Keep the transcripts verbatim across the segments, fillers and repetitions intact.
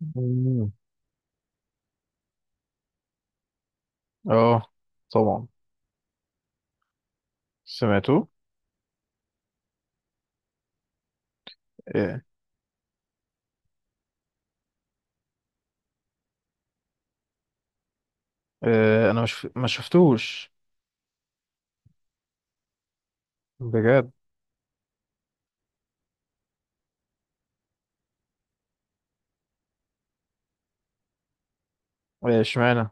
مم. اه، طبعا. سمعته. إيه. إيه. انا مش ما شفتوش. بجد. إيه، اشمعنى؟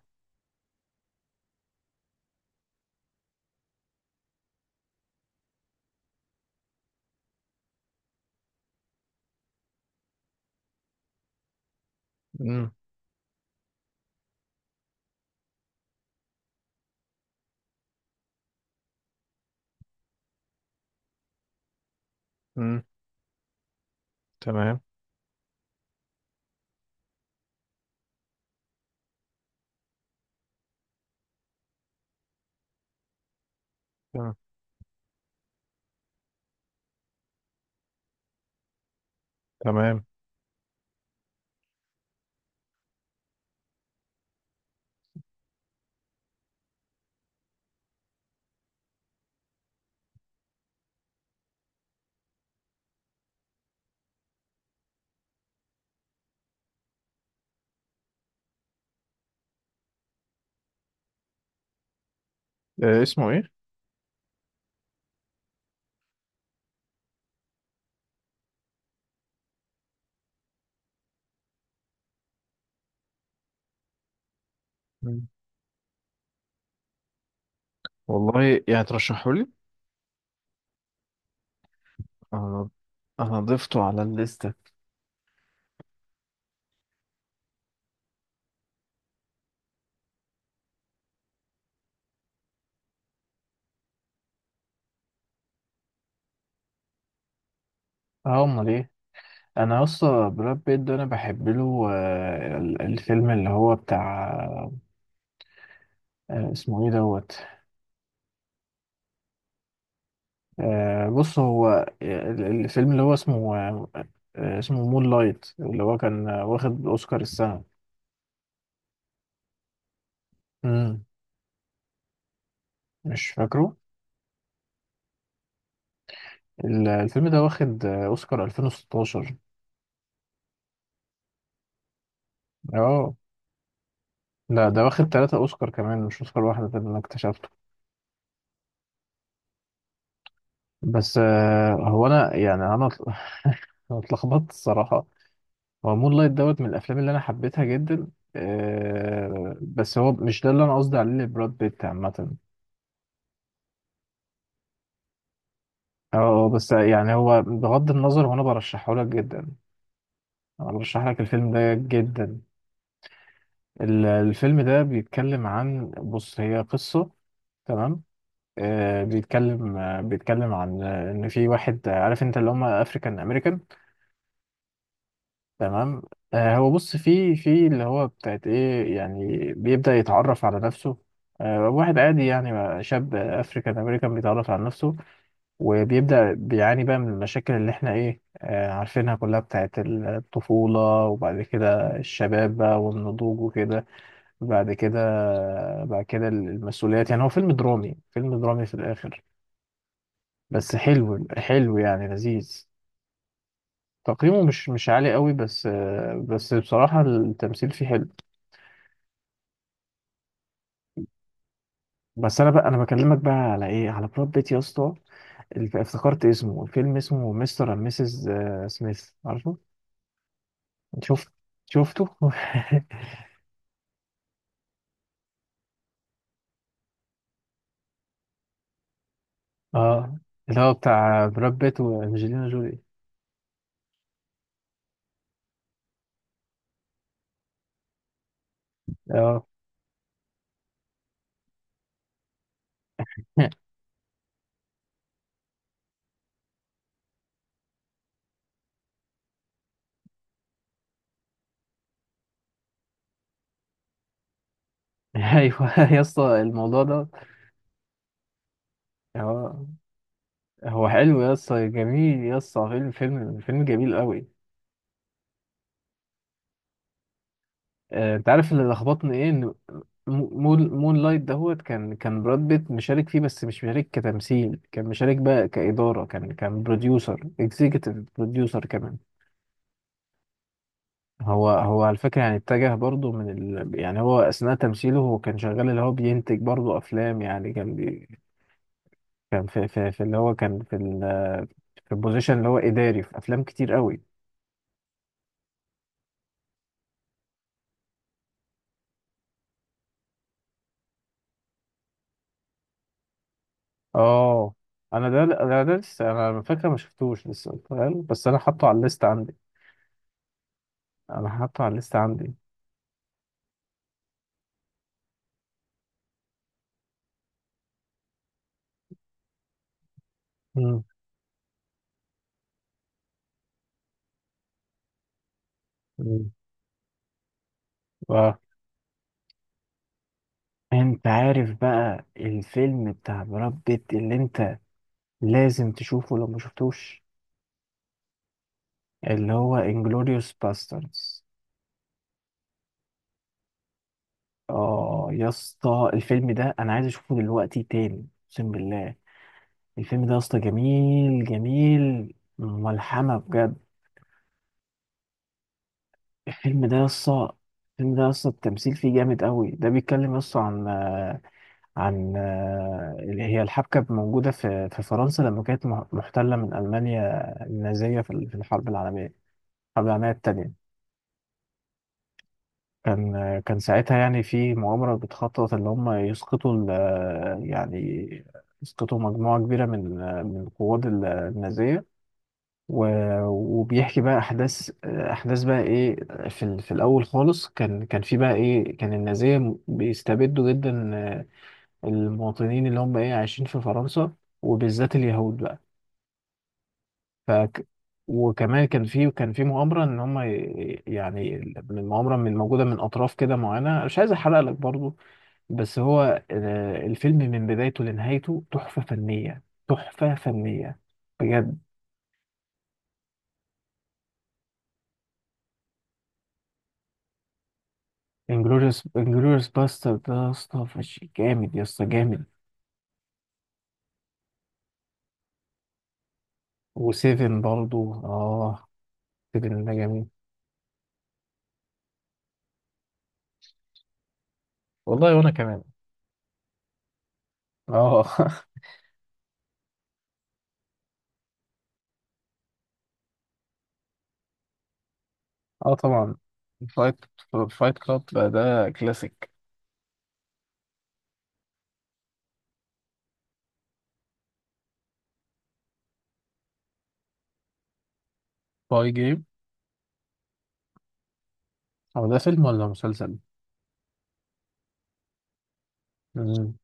مم. مم. تمام. تمام. تمام. إيه. اسمه ايه؟ مم. والله، يعني ترشحه لي؟ انا انا ضفته على الليسته. اه، امال ايه. انا اصلا براد بيت ده انا بحب له آه، ال- الفيلم اللي هو بتاع. آه، اسمه ايه دوت. آه، بص هو. ال- ال- الفيلم اللي هو اسمه آه، آه، اسمه مون لايت اللي هو كان آه، واخد اوسكار السنه. امم. مش فاكره. ال- الفيلم ده واخد آه، اوسكار الفين وستاشر. اه. لا، ده واخد ثلاثة اوسكار كمان، مش اوسكار واحده، ده اللي انا اكتشفته. بس آه، هو انا يعني انا اتل- أنا اتلخبطت الصراحه. هو مون لايت دوت من الافلام اللي انا حبيتها جدا. آه، بس هو مش ده اللي انا قصدي عليه لبراد بيت عامه. اه، آه، بس يعني هو بغض النظر، وانا برشحه لك جدا. انا برشح لك الفيلم ده جدا. ال- الفيلم ده بيتكلم عن، بص هي قصة. تمام. آه بيتكلم آه بيتكلم عن آه ان في واحد آه عارف انت اللي هم افريكان امريكان. تمام. آه هو بص في في اللي هو بتاعت ايه، يعني بيبدأ يتعرف على نفسه. آه واحد عادي، يعني شاب افريكان امريكان بيتعرف على نفسه. وبيبدأ بيعاني بقى من المشاكل اللي احنا ايه، آه، عارفينها كلها بتاعت الطفولة. وبعد كده الشباب بقى والنضوج وكده. بعد كده. بعد كده المسؤوليات. يعني هو فيلم درامي، فيلم درامي في الآخر. بس حلو حلو يعني لذيذ. تقييمه مش مش عالي قوي، بس آه، بس بصراحة التمثيل فيه حلو. بس انا بقى انا بكلمك بقى على ايه، على براد بيت يا اسطى. الف- افتكرت اسمه، الفيلم اسمه مستر اند ميسز آه، سميث، عارفه؟ شفت؟ شفته. اه. اللي هو بتاع براد بيت وانجلينا جولي. اه. ايوه يا اسطى، الموضوع ده. هو هو حلو يا اسطى، جميل يا اسطى، فيلم فيلم فيلم جميل قوي. آه، انت عارف اللي لخبطني ايه؟ ان مون مون لايت دهوت كان كان براد بيت مشارك فيه، بس مش مشارك كتمثيل، كان مشارك بقى كإدارة، كان كان بروديوسر اكزيكتيف بروديوسر كمان. هو هو على فكرة يعني اتجه برضه من ال... يعني هو أثناء تمثيله، هو كان شغال اللي هو بينتج برضه أفلام، يعني كان بي... كان في في, في اللي هو كان في ال في البوزيشن اللي هو إداري في أفلام كتير قوي. اه. أنا ده أنا ده لسه، أنا على فكرة ما شفتوش لسه فاهم، بس أنا حاطه على الليست عندي. أنا حاطه على الليست عندي. مم. مم. و- انت عارف بقى الفيلم بتاع براد بيت اللي انت لازم تشوفه لو ما شفتوش؟ اللي هو انجلوريوس باستردز. اه يا اسطى، الفيلم ده انا عايز اشوفه دلوقتي تاني، اقسم بالله. الفيلم ده يا اسطى جميل جميل، ملحمة بجد. الفيلم ده يا اسطى. الفيلم ده يا اسطى، التمثيل فيه جامد قوي. ده بيتكلم يا اسطى عن آه، عن آه، اللي هي الحبكة موجودة في في فرنسا لما كانت مح- محتلة من ألمانيا النازية في ال- في الحرب العالمية الحرب العالمية التانية. كان آه، كان ساعتها يعني في مؤامرة بتخطط اللي هم يسقطوا ال- آه، يعني يسقطوا مجموعة كبيرة من آه، من القوات ال- النازية. و- وبيحكي بقى احداث احداث بقى ايه. في ال- في الاول خالص كان كان في بقى ايه، كان النازيه م- بيستبدوا جدا آه، المواطنين اللي هم ايه، عايشين في فرنسا، وبالذات اليهود بقى. فك. وكمان كان في كان في مؤامره ان هم ي- يعني من مؤامره، من موجوده من اطراف كده معينه، مش عايز احرق لك برضو. بس هو آه، الفيلم من بدايته لنهايته تحفه فنيه. تحفه فنيه. بجد. انجلوريوس انجلوريوس باستر ده يا اسطى فش- جامد يا اسطى، جامد. وسيفن برضو، اه. سيفن ده جميل. والله، وانا كمان. اه. اه، طبعا. فايت. فايت كلاب ده كلاسيك. باي جيم. هو ده فيلم ولا مسلسل؟ مم.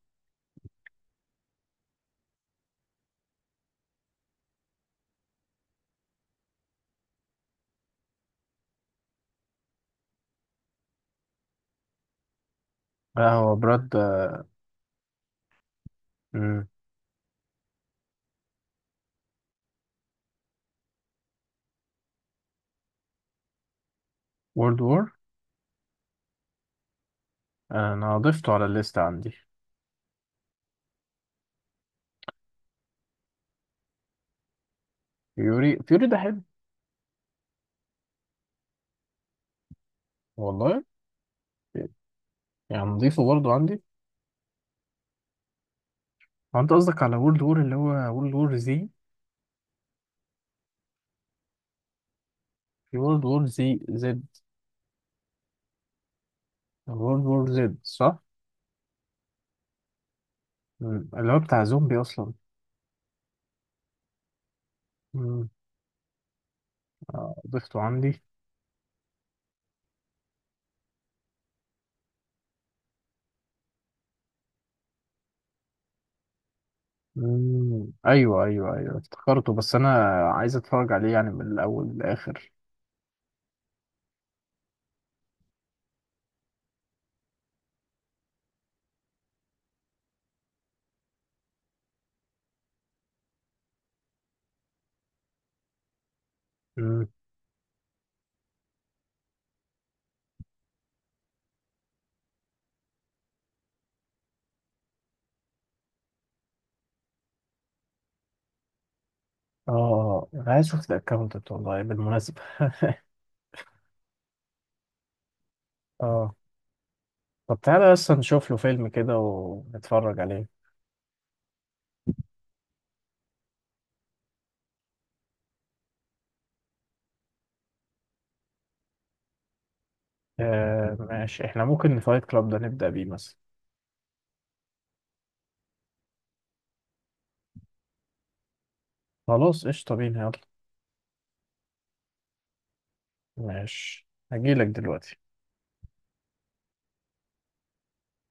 لا هو براد. وورلد وور، انا ضفته على الليست عندي. فيوري، فيوري ده حلو. والله، يعني نضيفه برضه عندي. هو انت قصدك على وورلد وور اللي هو وورلد وور زي؟ في وورلد وور زي زد. وورلد وور زد صح؟ مم. اللي هو بتاع زومبي اصلا. مم. آه، ضفته عندي. مم. ايوه، ايوه، ايوه، افتكرته، بس انا عايز اتفرج عليه، يعني من الاول للاخر. مم. اه، انا عايز اشوف الاكونت والله بالمناسبه. اه. طب تعالى اصلا نشوف له فيلم كده ونتفرج عليه. آه ماشي، احنا ممكن فايت كلاب ده نبدأ بيه مثلا. خلاص، قشطة، بينا يلا. ماشي، هجيلك دلوقتي.